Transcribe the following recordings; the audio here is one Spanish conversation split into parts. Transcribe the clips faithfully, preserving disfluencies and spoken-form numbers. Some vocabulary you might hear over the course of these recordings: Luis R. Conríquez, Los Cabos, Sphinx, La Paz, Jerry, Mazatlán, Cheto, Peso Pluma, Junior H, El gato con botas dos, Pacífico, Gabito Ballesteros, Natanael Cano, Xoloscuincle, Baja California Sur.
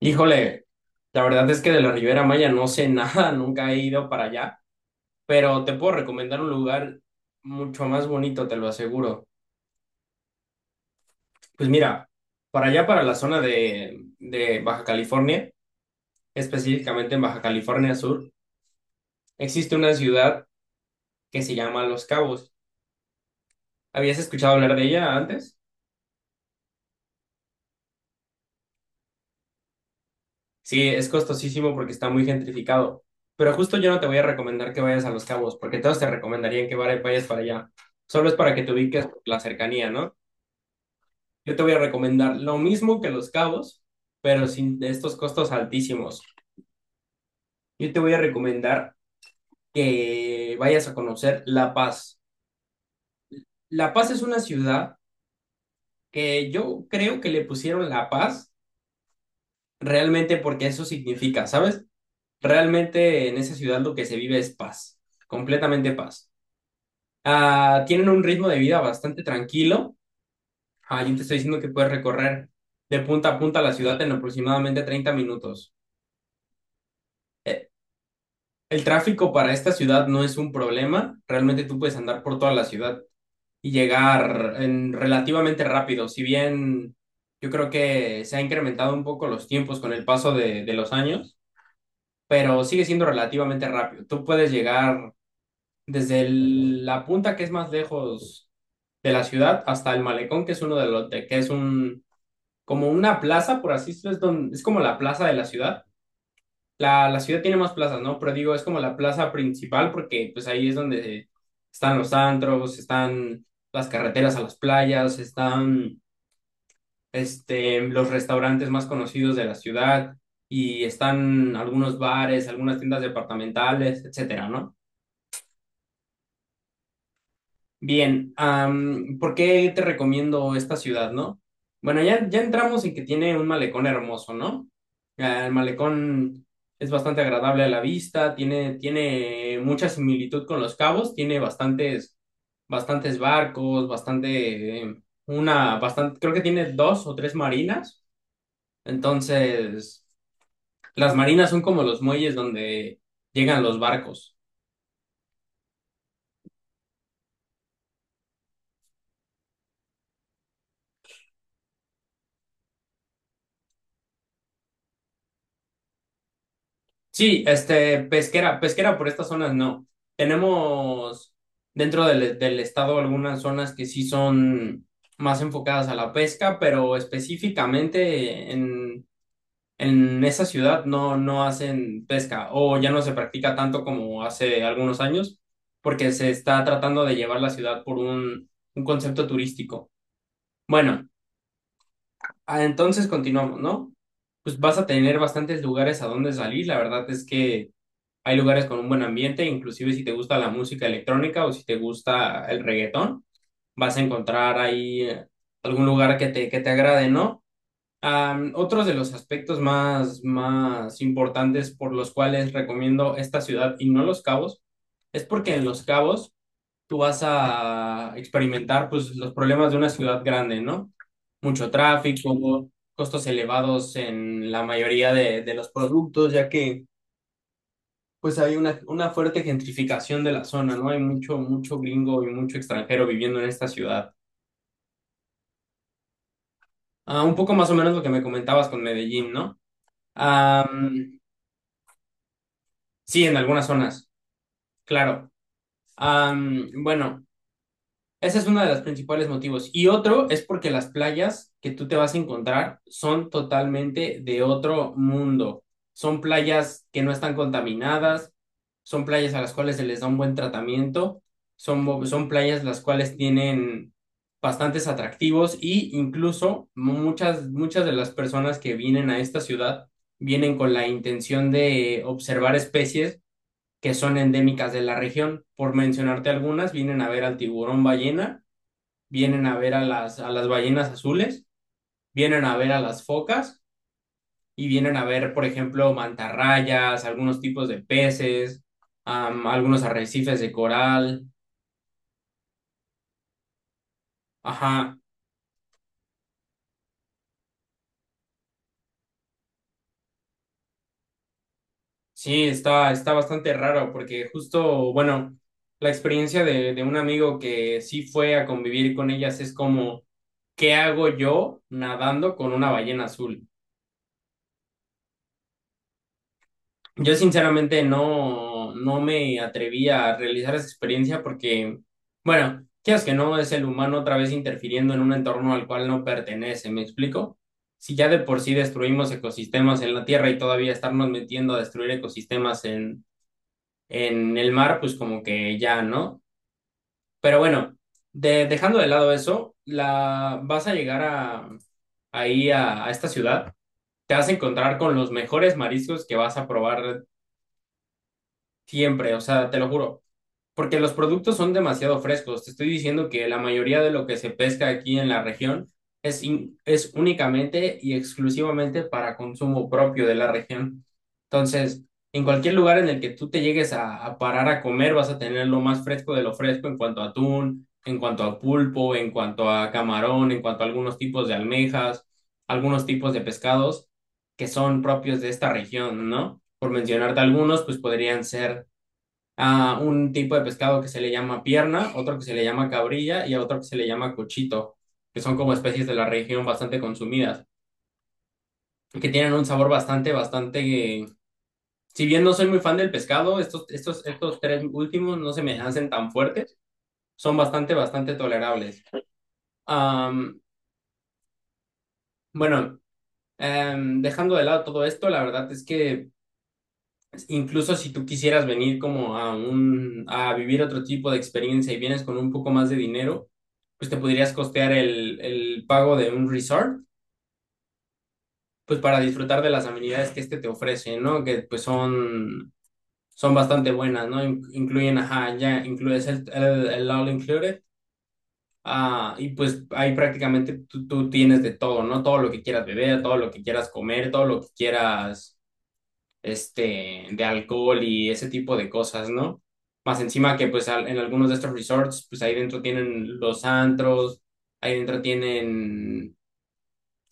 Híjole, la verdad es que de la Riviera Maya no sé nada, nunca he ido para allá, pero te puedo recomendar un lugar mucho más bonito, te lo aseguro. Pues mira, para allá, para la zona de, de Baja California, específicamente en Baja California Sur, existe una ciudad que se llama Los Cabos. ¿Habías escuchado hablar de ella antes? Sí, es costosísimo porque está muy gentrificado, pero justo yo no te voy a recomendar que vayas a Los Cabos, porque todos te recomendarían que vayas para allá. Solo es para que te ubiques por la cercanía, ¿no? Yo te voy a recomendar lo mismo que Los Cabos, pero sin estos costos altísimos. Yo te voy a recomendar que vayas a conocer La Paz. La Paz es una ciudad que yo creo que le pusieron La Paz realmente porque eso significa, ¿sabes? Realmente en esa ciudad lo que se vive es paz, completamente paz. Ah, tienen un ritmo de vida bastante tranquilo. Ah, yo te estoy diciendo que puedes recorrer de punta a punta la ciudad en aproximadamente treinta minutos. Eh, El tráfico para esta ciudad no es un problema. Realmente tú puedes andar por toda la ciudad y llegar en relativamente rápido. Si bien yo creo que se ha incrementado un poco los tiempos con el paso de, de los años, pero sigue siendo relativamente rápido. Tú puedes llegar desde el- la punta que es más lejos de la ciudad hasta el malecón, que es uno de los de- que es un como una plaza, por así decirlo, es, don- es como la plaza de la ciudad, la, la ciudad tiene más plazas, ¿no? Pero digo, es como la plaza principal porque pues ahí es donde están los antros, están las carreteras a las playas, están este, los restaurantes más conocidos de la ciudad y están algunos bares, algunas tiendas departamentales, etcétera, ¿no? Bien, am, ¿por qué te recomiendo esta ciudad, no? Bueno, ya, ya entramos en que tiene un malecón hermoso, ¿no? Ah, El malecón es bastante agradable a la vista, tiene, tiene mucha similitud con Los Cabos, tiene bastantes, bastantes barcos, bastante, eh, una, bastante, creo que tiene dos o tres marinas. Entonces, las marinas son como los muelles donde llegan los barcos. Sí, este, pesquera, pesquera por estas zonas no. Tenemos dentro del, del estado algunas zonas que sí son más enfocadas a la pesca, pero específicamente en, en esa ciudad no, no hacen pesca o ya no se practica tanto como hace algunos años, porque se está tratando de llevar la ciudad por un, un concepto turístico. Bueno, ah, entonces continuamos, ¿no? Pues vas a tener bastantes lugares a donde salir, la verdad es que hay lugares con un buen ambiente, inclusive si te gusta la música electrónica o si te gusta el reggaetón, vas a encontrar ahí eh, algún lugar que te, que te agrade, ¿no? Am, otros de los aspectos más, más importantes por los cuales recomiendo esta ciudad y no Los Cabos, es porque en Los Cabos tú vas a experimentar pues, los problemas de una ciudad grande, ¿no? Mucho tráfico, costos elevados en la mayoría de, de los productos, ya que pues hay una, una fuerte gentrificación de la zona, ¿no? Hay mucho, mucho gringo y mucho extranjero viviendo en esta ciudad. Ah, un poco más o menos lo que me comentabas con Medellín, ¿no? Am, sí, en algunas zonas, claro. Am, bueno. Ese es uno de los principales motivos. Y otro es porque las playas que tú te vas a encontrar son totalmente de otro mundo. Son playas que no están contaminadas, son playas a las cuales se les da un buen tratamiento, son, son playas las cuales tienen bastantes atractivos y incluso muchas, muchas de las personas que vienen a esta ciudad vienen con la intención de observar especies que son endémicas de la región. Por mencionarte algunas, vienen a ver al tiburón ballena, vienen a ver a las, a las ballenas azules, vienen a ver a las focas y vienen a ver, por ejemplo, mantarrayas, algunos tipos de peces, am, algunos arrecifes de coral. Ajá, sí, está, está bastante raro porque justo, bueno, la experiencia de, de un amigo que sí fue a convivir con ellas es como, ¿qué hago yo nadando con una ballena azul? Yo sinceramente no, no me atreví a realizar esa experiencia porque, bueno, quieras que no, es el humano otra vez interfiriendo en un entorno al cual no pertenece, ¿me explico? Si ya de por sí destruimos ecosistemas en la Tierra y todavía estarnos metiendo a destruir ecosistemas en, en el mar, pues como que ya, ¿no? Pero bueno, de- dejando de lado eso, la, vas a llegar a, ahí a a esta ciudad, te vas a encontrar con los mejores mariscos que vas a probar siempre, o sea, te lo juro. Porque los productos son demasiado frescos. Te estoy diciendo que la mayoría de lo que se pesca aquí en la región es, in- es únicamente y exclusivamente para consumo propio de la región. Entonces, en cualquier lugar en el que tú te llegues a, a parar a comer, vas a tener lo más fresco de lo fresco en cuanto a atún, en cuanto a pulpo, en cuanto a camarón, en cuanto a algunos tipos de almejas, algunos tipos de pescados que son propios de esta región, ¿no? Por mencionarte algunos, pues podrían ser a un tipo de pescado que se le llama pierna, otro que se le llama cabrilla y a otro que se le llama cochito, que son como especies de la región bastante consumidas, que tienen un sabor bastante, bastante... Si bien no soy muy fan del pescado, estos, estos, estos tres últimos no se me hacen tan fuertes, son bastante, bastante tolerables. Am, bueno, em, dejando de lado todo esto, la verdad es que... Incluso si tú quisieras venir como a un, a vivir otro tipo de experiencia y vienes con un poco más de dinero, pues te podrías costear el, el pago de un resort, pues para disfrutar de las amenidades que este te ofrece, ¿no? Que pues son, son bastante buenas, ¿no? In- Incluyen, ajá, ya incluyes el, el, el all included, ah, y pues ahí prácticamente tú, tú tienes de todo, ¿no? Todo lo que quieras beber, todo lo que quieras comer, todo lo que quieras este, de alcohol y ese tipo de cosas, ¿no? Más encima que pues al- en algunos de estos resorts, pues ahí dentro tienen los antros, ahí dentro tienen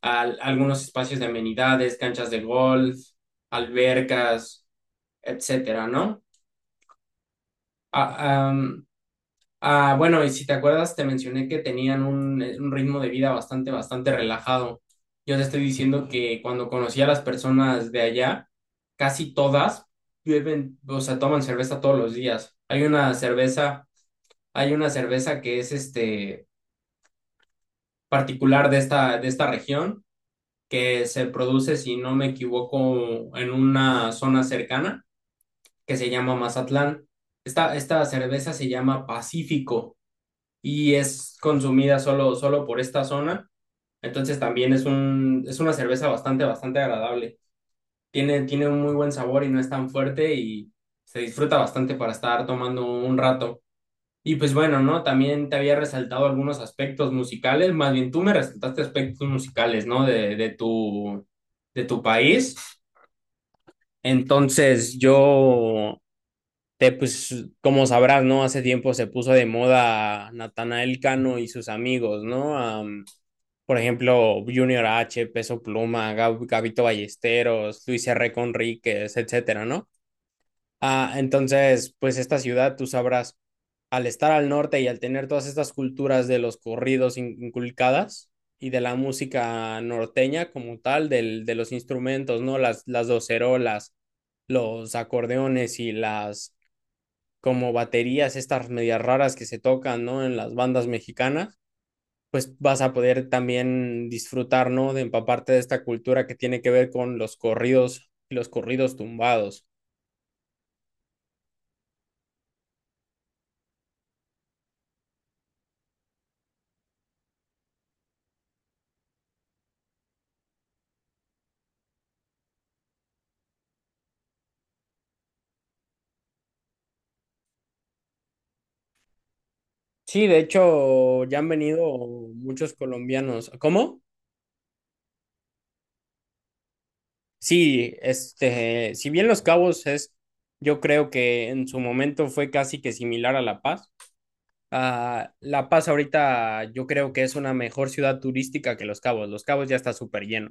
al- algunos espacios de amenidades, canchas de golf, albercas, etcétera, ¿no? Ah, am, Ah, bueno, y si te acuerdas, te mencioné que tenían un, eh, un ritmo de vida bastante, bastante relajado. Yo te estoy diciendo que cuando conocí a las personas de allá, casi todas beben, o sea, toman cerveza todos los días. Hay una cerveza, hay una cerveza que es este particular de esta, de esta región, que se produce, si no me equivoco, en una zona cercana que se llama Mazatlán. Esta, esta cerveza se llama Pacífico y es consumida solo, solo por esta zona. Entonces también es un, es una cerveza bastante, bastante agradable. Tiene, tiene un muy buen sabor y no es tan fuerte y se disfruta bastante para estar tomando un rato. Y pues bueno, ¿no? También te había resaltado algunos aspectos musicales, más bien tú me resaltaste aspectos musicales, ¿no? De, de tu, de tu país. Entonces yo te, pues, como sabrás, ¿no? Hace tiempo se puso de moda Natanael Cano y sus amigos, ¿no? Am, por ejemplo, Junior H, Peso Pluma, Gab- Gabito Ballesteros, Luis R. Conríquez, etcétera, ¿no? Ah, entonces, pues esta ciudad, tú sabrás, al estar al norte y al tener todas estas culturas de los corridos in- inculcadas y de la música norteña como tal, del, de los instrumentos, ¿no? Las, las docerolas, los acordeones y las como baterías estas medias raras que se tocan, ¿no? En las bandas mexicanas, pues vas a poder también disfrutar, ¿no? De empaparte de esta cultura que tiene que ver con los corridos y los corridos tumbados. Sí, de hecho, ya han venido muchos colombianos. ¿Cómo? Sí, este, si bien Los Cabos es, yo creo que en su momento fue casi que similar a La Paz. Ah, La Paz ahorita yo creo que es una mejor ciudad turística que Los Cabos. Los Cabos ya está súper lleno.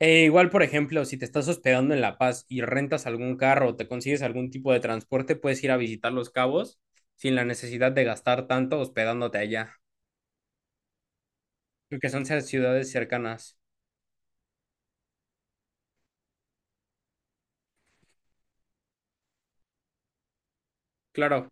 E igual, por ejemplo, si te estás hospedando en La Paz y rentas algún carro o te consigues algún tipo de transporte, puedes ir a visitar Los Cabos sin la necesidad de gastar tanto hospedándote allá, porque son ciudades cercanas. Claro.